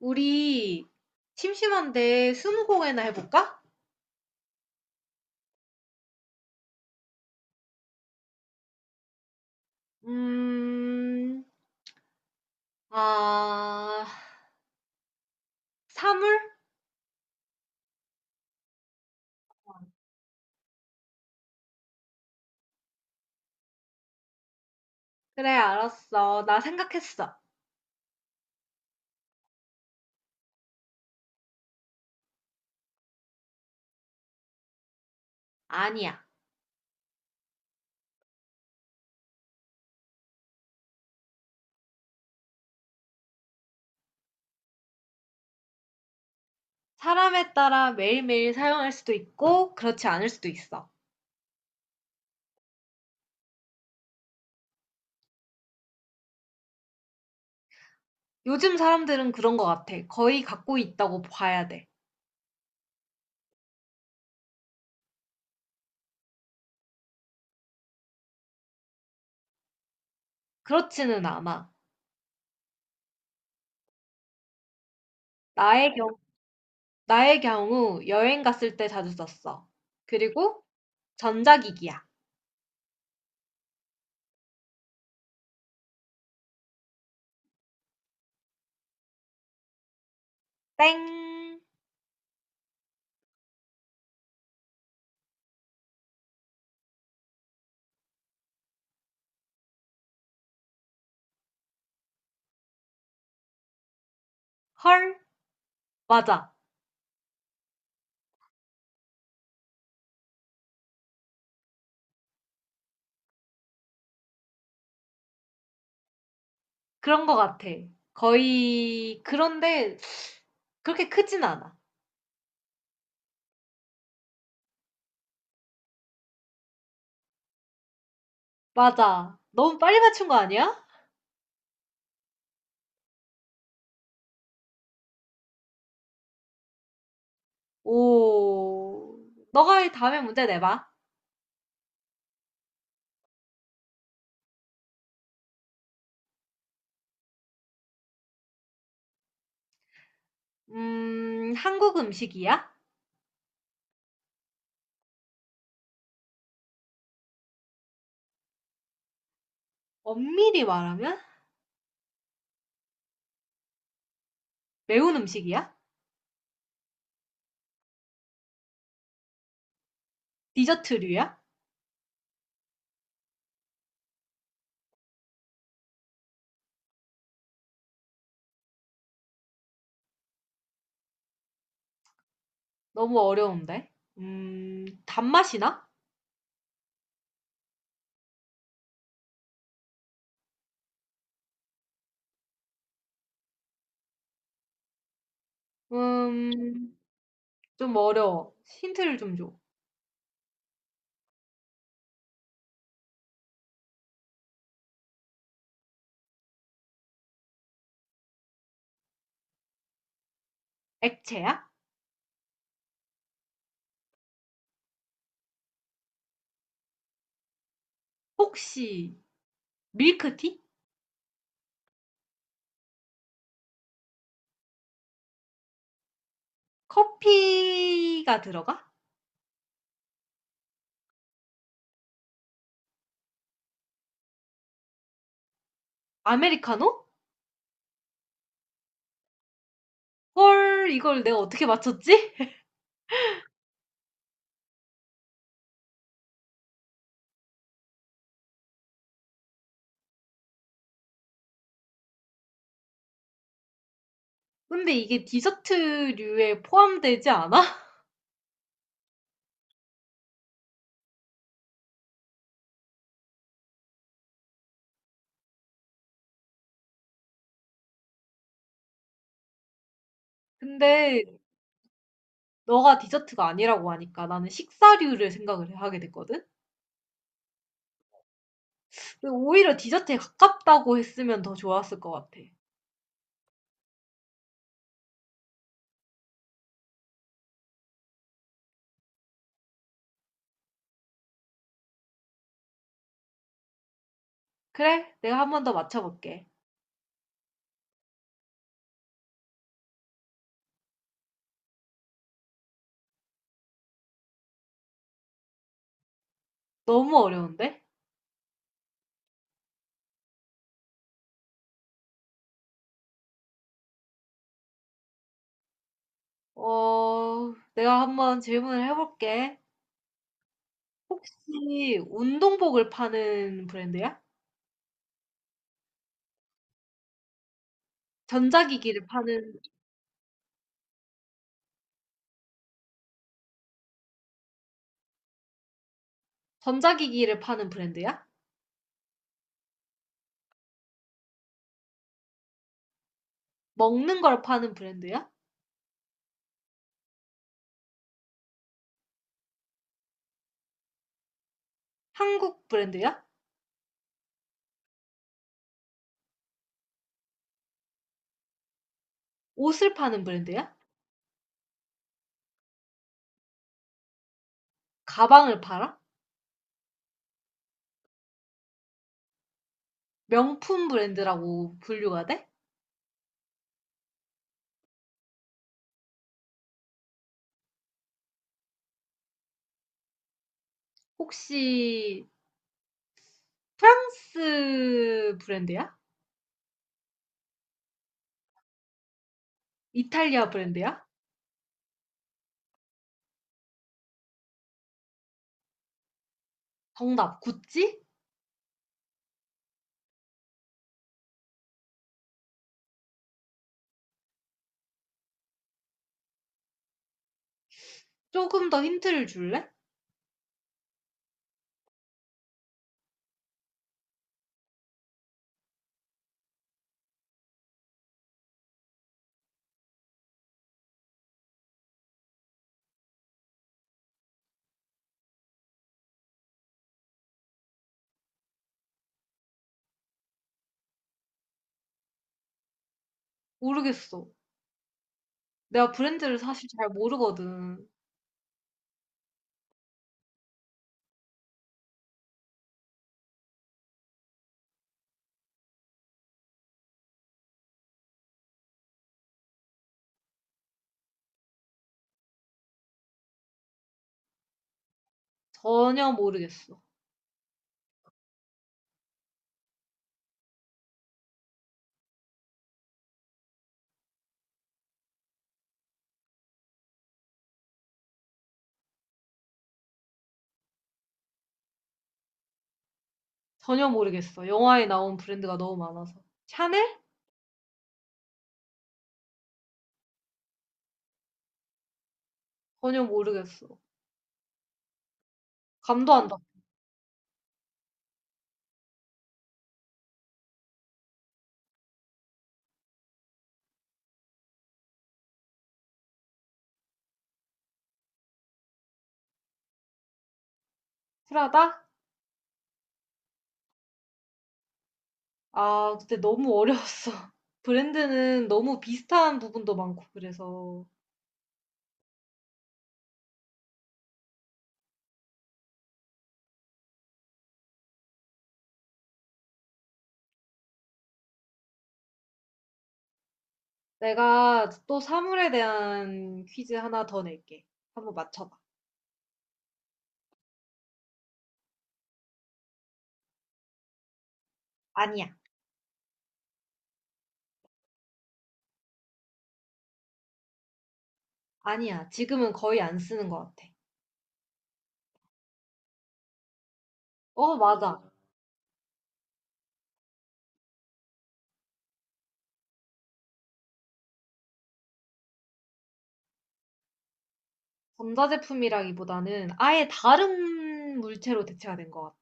우리 심심한데 스무고개나 해볼까? 음, 아, 사물? 그래, 알았어. 나 생각했어. 아니야. 사람에 따라 매일매일 사용할 수도 있고, 그렇지 않을 수도 있어. 요즘 사람들은 그런 것 같아. 거의 갖고 있다고 봐야 돼. 그렇지는 않아. 나의 경우, 나의 경우 여행 갔을 때 자주 썼어. 그리고 전자기기야. 땡. 헐. 맞아. 그런 것 같아. 거의 그런데 그렇게 크진 않아. 맞아. 너무 빨리 맞춘 거 아니야? 오, 너가 다음에 문제 내봐. 한국 음식이야? 엄밀히 말하면? 매운 음식이야? 디저트류야? 너무 어려운데. 단맛이 나? 음, 좀 어려워. 힌트를 좀 줘. 액체야? 혹시 밀크티? 커피가 들어가? 아메리카노? 헐 이걸 내가 어떻게 맞췄지? 근데 이게 디저트류에 포함되지 않아? 근데 너가 디저트가 아니라고 하니까 나는 식사류를 생각을 하게 됐거든? 근데 오히려 디저트에 가깝다고 했으면 더 좋았을 것 같아. 그래? 내가 한 번 더 맞춰볼게. 너무 어려운데? 어, 내가 한 번 질문을 해볼게. 혹시 운동복을 파는 브랜드야? 전자기기를 파는, 전자기기를 파는 브랜드야? 먹는 걸 파는 브랜드야? 한국 브랜드야? 옷을 파는 브랜드야? 가방을 팔아? 명품 브랜드라고 분류가 돼? 혹시 프랑스 브랜드야? 이탈리아 브랜드야? 정답, 구찌? 조금 더 힌트를 줄래? 모르겠어. 내가 브랜드를 사실 잘 모르거든. 전혀 모르겠어. 전혀 모르겠어. 영화에 나온 브랜드가 너무 많아서. 샤넬? 전혀 모르겠어. 감도 안 잡고. 프라다? 아, 근데 너무 어려웠어. 브랜드는 너무 비슷한 부분도 많고, 그래서. 내가 또 사물에 대한 퀴즈 하나 더 낼게. 한번 맞춰봐. 아니야. 아니야. 지금은 거의 안 쓰는 것 같아. 어, 맞아. 어, 전자제품이라기보다는 아예 다른 물체로 대체가 된 것 같아.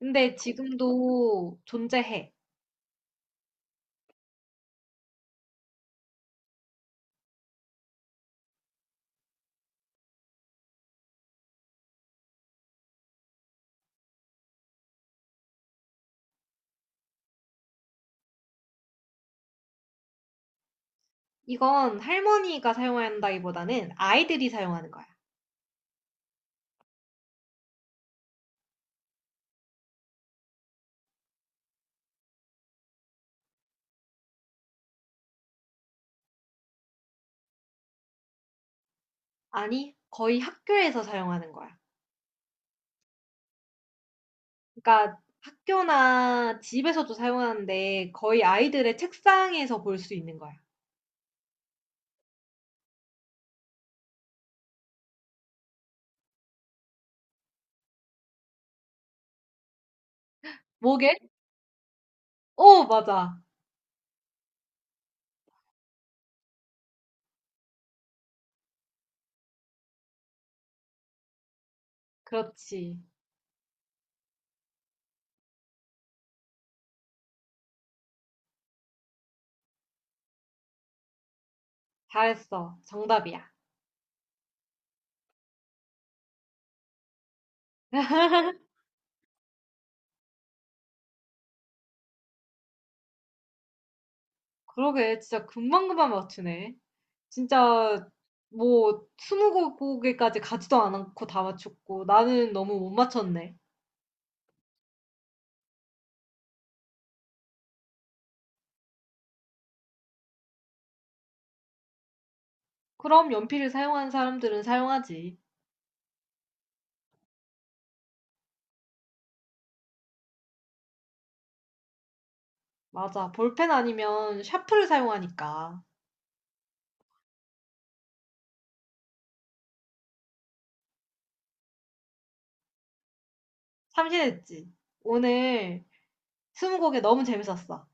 근데 지금도 존재해. 이건 할머니가 사용한다기보다는 아이들이 사용하는 거야. 아니, 거의 학교에서 사용하는 거야. 그러니까 학교나 집에서도 사용하는데 거의 아이들의 책상에서 볼 수 있는 거야. 뭐게? 어, 맞아. 그렇지. 잘했어. 정답이야. 그러게, 진짜 금방금방 맞추네. 진짜 뭐 스무 곡에까지 가지도 않고 다 맞췄고 나는 너무 못 맞췄네. 그럼 연필을 사용하는 사람들은 사용하지. 맞아. 볼펜 아니면 샤프를 사용하니까. 참신했지. 오늘 스무곡에 너무 재밌었어.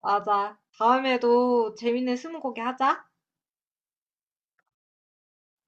맞아. 다음에도 재밌는 스무곡에 하자.